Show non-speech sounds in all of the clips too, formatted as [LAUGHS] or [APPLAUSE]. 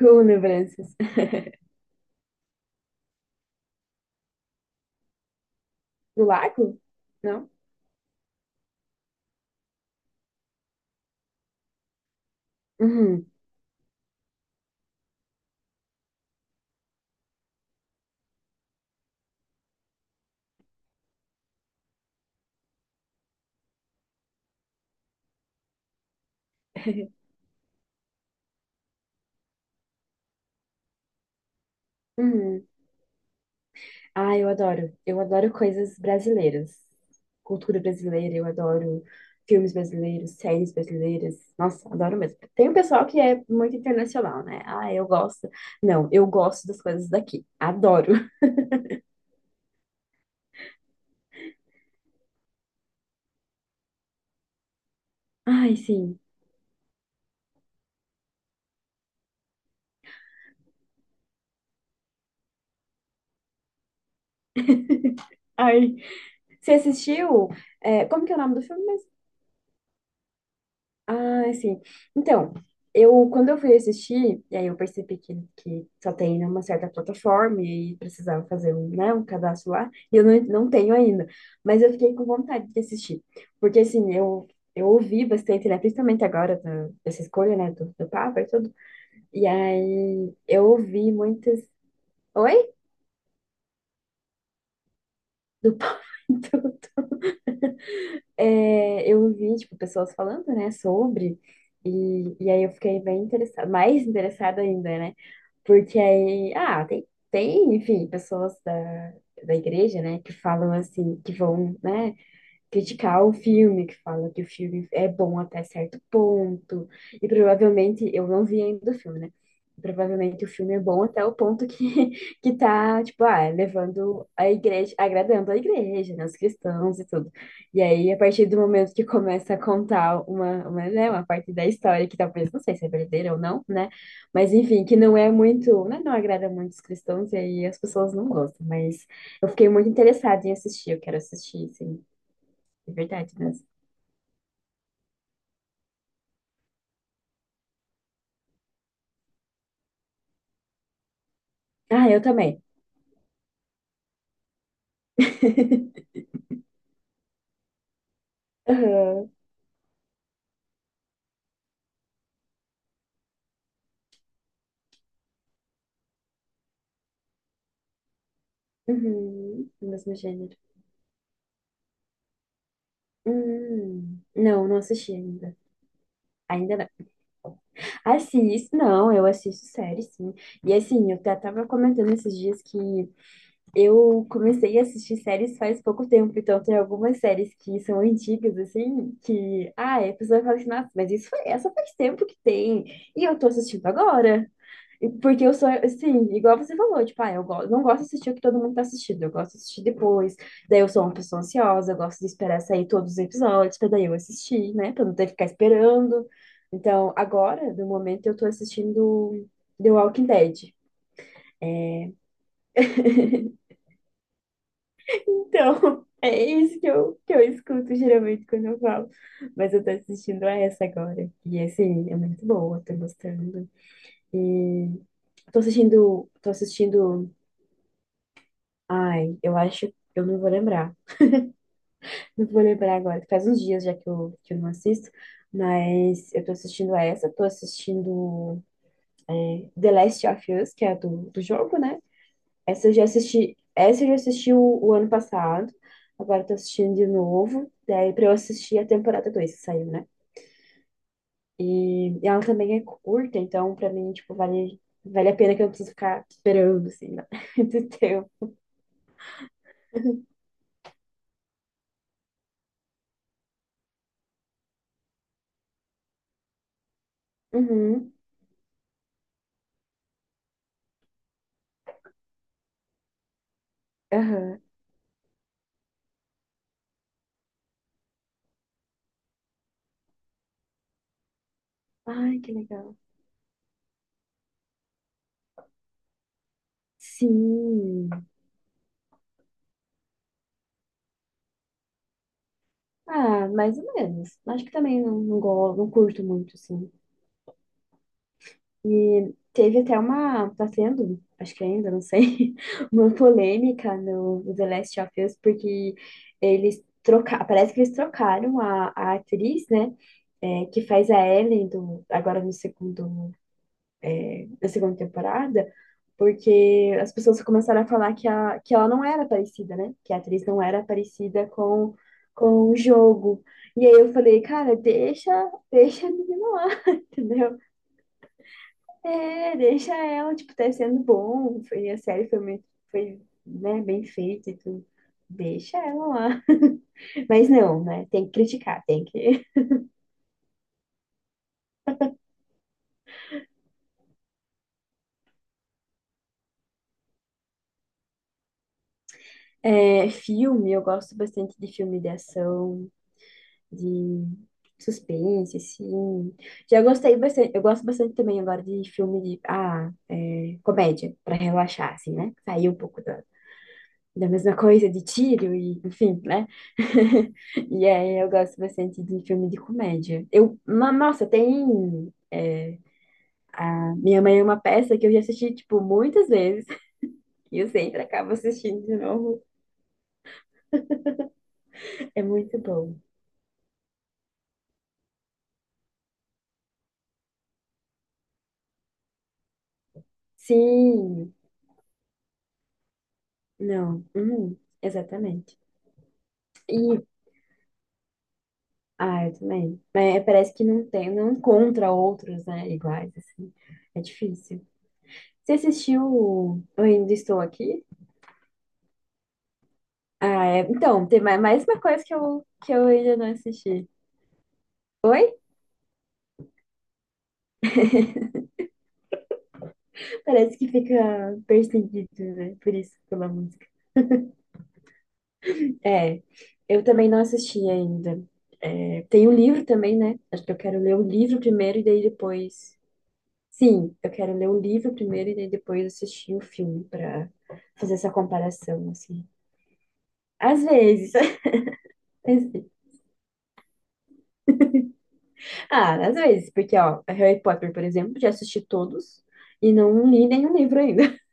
Com lembranças. [LAUGHS] Do lago? Não? Uhum. [LAUGHS] Uhum. Ah, eu adoro. Eu adoro coisas brasileiras. Cultura brasileira, eu adoro filmes brasileiros, séries brasileiras. Nossa, adoro mesmo. Tem um pessoal que é muito internacional, né? Ah, eu gosto. Não, eu gosto das coisas daqui. Adoro. [LAUGHS] Ai, sim. Ai. Você assistiu? Como que é o nome do filme? Ah, sim. Então, eu quando eu fui assistir, e aí eu percebi que só tem numa certa plataforma e precisava fazer um, né, um cadastro lá, e eu não tenho ainda. Mas eu fiquei com vontade de assistir. Porque assim, eu ouvi bastante, né? Principalmente agora dessa escolha, né, do Papa e tudo. E aí eu ouvi muitas. Oi? Do Papa. [LAUGHS] E tudo. É, eu ouvi, tipo, pessoas falando, né, sobre. E aí eu fiquei bem interessada, mais interessada ainda, né? Porque aí, ah, enfim, pessoas da igreja, né, que falam assim, que vão, né, criticar o filme, que fala que o filme é bom até certo ponto, e provavelmente, eu não vi ainda o filme, né? Provavelmente o filme é bom até o ponto que, [LAUGHS] que tá, tipo, ah, levando a igreja, agradando a igreja, né, os cristãos e tudo. E aí, a partir do momento que começa a contar né, uma parte da história que talvez, não sei se é verdadeira ou não, né? Mas enfim, que não é muito, né, não agrada muito os cristãos e aí as pessoas não gostam. Mas eu fiquei muito interessada em assistir, eu quero assistir, sim. É verdade, das... Ah, eu também. [LAUGHS] Aham. Uhum. O mesmo gênero. Hum. Não, não assisti ainda. Ainda não. Assisto, não, eu assisto série, sim. E assim, eu até tava comentando esses dias que eu comecei a assistir séries faz pouco tempo, então tem algumas séries que são antigas, assim, que, ah, a pessoa fala assim, nossa, mas isso foi, essa faz tempo que tem, e eu tô assistindo agora. E porque eu sou, sim, igual você falou, tipo, ah, não gosto de assistir o que todo mundo tá assistindo, eu gosto de assistir depois. Daí eu sou uma pessoa ansiosa, eu gosto de esperar sair todos os episódios pra daí eu assistir, né? Pra não ter que ficar esperando. Então, agora, no momento, eu tô assistindo The Walking Dead. É, então, [LAUGHS] é isso que eu escuto geralmente quando eu falo. Mas eu tô assistindo a essa agora. E assim, é muito boa, tô gostando. E tô assistindo. Ai, eu acho, eu não vou lembrar. Não vou lembrar agora, faz uns dias já que eu não assisto, mas eu tô assistindo a essa, tô assistindo, The Last of Us, que é a do jogo, né? Essa eu já assisti o ano passado, agora eu tô assistindo de novo, daí pra eu assistir a temporada 2 que saiu, né? E ela também é curta, então pra mim, tipo, vale a pena que eu não preciso ficar esperando, assim, né? [LAUGHS] Do tempo. Uhum, aham. Ai, que legal. Sim. Ah, mais ou menos. Acho que também não curto muito, assim. E teve até uma. Tá tendo, acho que ainda, não sei, [LAUGHS] uma polêmica no The Last of Us, porque eles trocaram. Parece que eles trocaram a atriz, né? É, que faz a Ellie do, agora no segundo. Da segunda temporada, porque as pessoas começaram a falar que, a, que ela não era parecida, né? Que a atriz não era parecida com o jogo. E aí eu falei, cara, deixa a menina lá, [LAUGHS] entendeu? É, deixa ela, tipo, tá sendo bom. Foi, a série foi muito, foi, né, bem feita e tudo. Deixa ela lá. Mas não, né? Tem que criticar, tem que. É, filme, eu gosto bastante de filme de ação. De suspense, assim. Já gostei bastante, eu gosto bastante também agora de filme de, ah, é, comédia, pra relaxar, assim, né? Sair um pouco da mesma [LAUGHS] coisa de tiro e, enfim, né? [LAUGHS] E aí eu gosto bastante de filme de comédia. Nossa, tem... é, a Minha Mãe é uma Peça que eu já assisti, tipo, muitas vezes. [LAUGHS] E eu sempre acabo assistindo de novo. É muito bom. Sim, não, uhum, exatamente. E ah, eu também. Mas é, parece que não tem, não encontra outros, né, iguais, assim. É difícil. Você assistiu o Eu Ainda Estou Aqui? Ah, é. Então, tem mais mais uma coisa que eu ainda não assisti. Oi? Parece que fica perseguido, né? Por isso, pela música. É, eu também não assisti ainda. É, tem o livro também, né? Acho que eu quero ler o livro primeiro e daí depois. Sim, eu quero ler o livro primeiro e daí depois assistir o filme pra fazer essa comparação, assim. Às vezes. [LAUGHS] Ah, às vezes, porque, ó, Harry Potter, por exemplo, já assisti todos e não li nenhum livro ainda. [LAUGHS]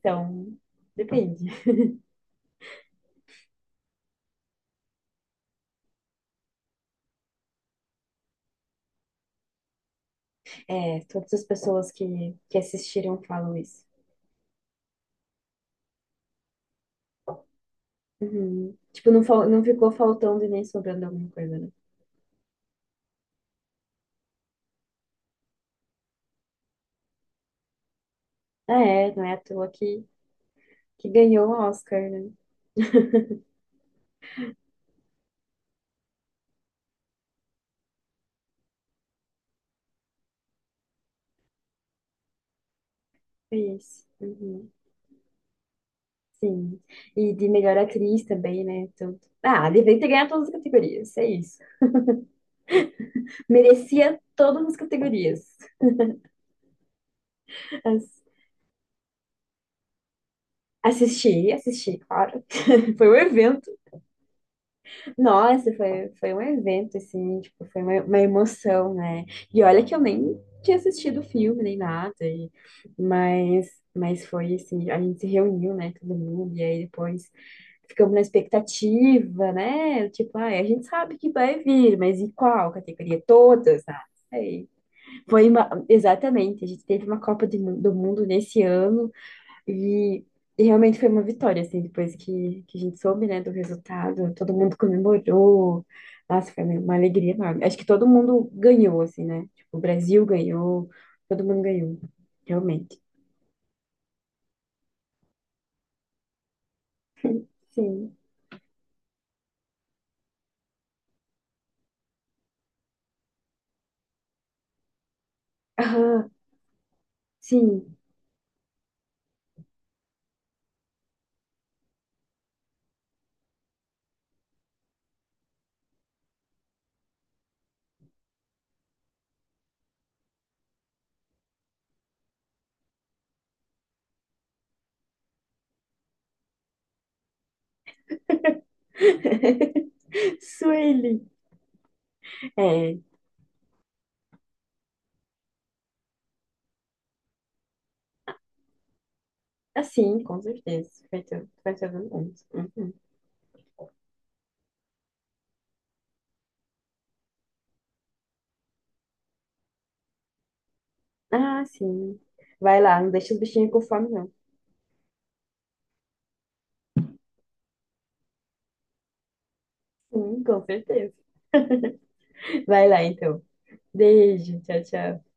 Então, depende. É, todas as pessoas que assistiram falam isso. Uhum. Tipo, não ficou faltando e nem sobrando alguma coisa, né? Ah, é, não é à toa que ganhou o Oscar, né? Foi isso. Uhum. Sim. E de melhor atriz também, né? Então, ah, devia ter ganhado todas as categorias, é isso. Merecia todas as categorias. [LAUGHS] Assisti, assisti, claro. [LAUGHS] Foi um evento. Nossa, foi um evento, assim, tipo, foi uma emoção, né? E olha que eu nem tinha assistido o filme, nem nada, e, mas foi assim, a gente se reuniu, né, todo mundo, e aí depois ficamos na expectativa, né? Tipo, ah, a gente sabe que vai vir, mas e qual categoria? Todas, ah, não sei. Foi uma, exatamente, a gente teve uma Copa do Mundo nesse ano, e, e realmente foi uma vitória, assim, depois que a gente soube, né, do resultado, todo mundo comemorou. Nossa, foi uma alegria enorme. Acho que todo mundo ganhou, assim, né? Tipo, o Brasil ganhou, todo mundo ganhou, realmente. Sim. Aham, sim. [LAUGHS] Sueli. É, assim, com certeza. Vai ter todo mundo. Uhum. Ah, sim. Vai lá, não deixa os bichinhos com fome, não. Sim, com certeza. Vai lá, então. Beijo, tchau, tchau.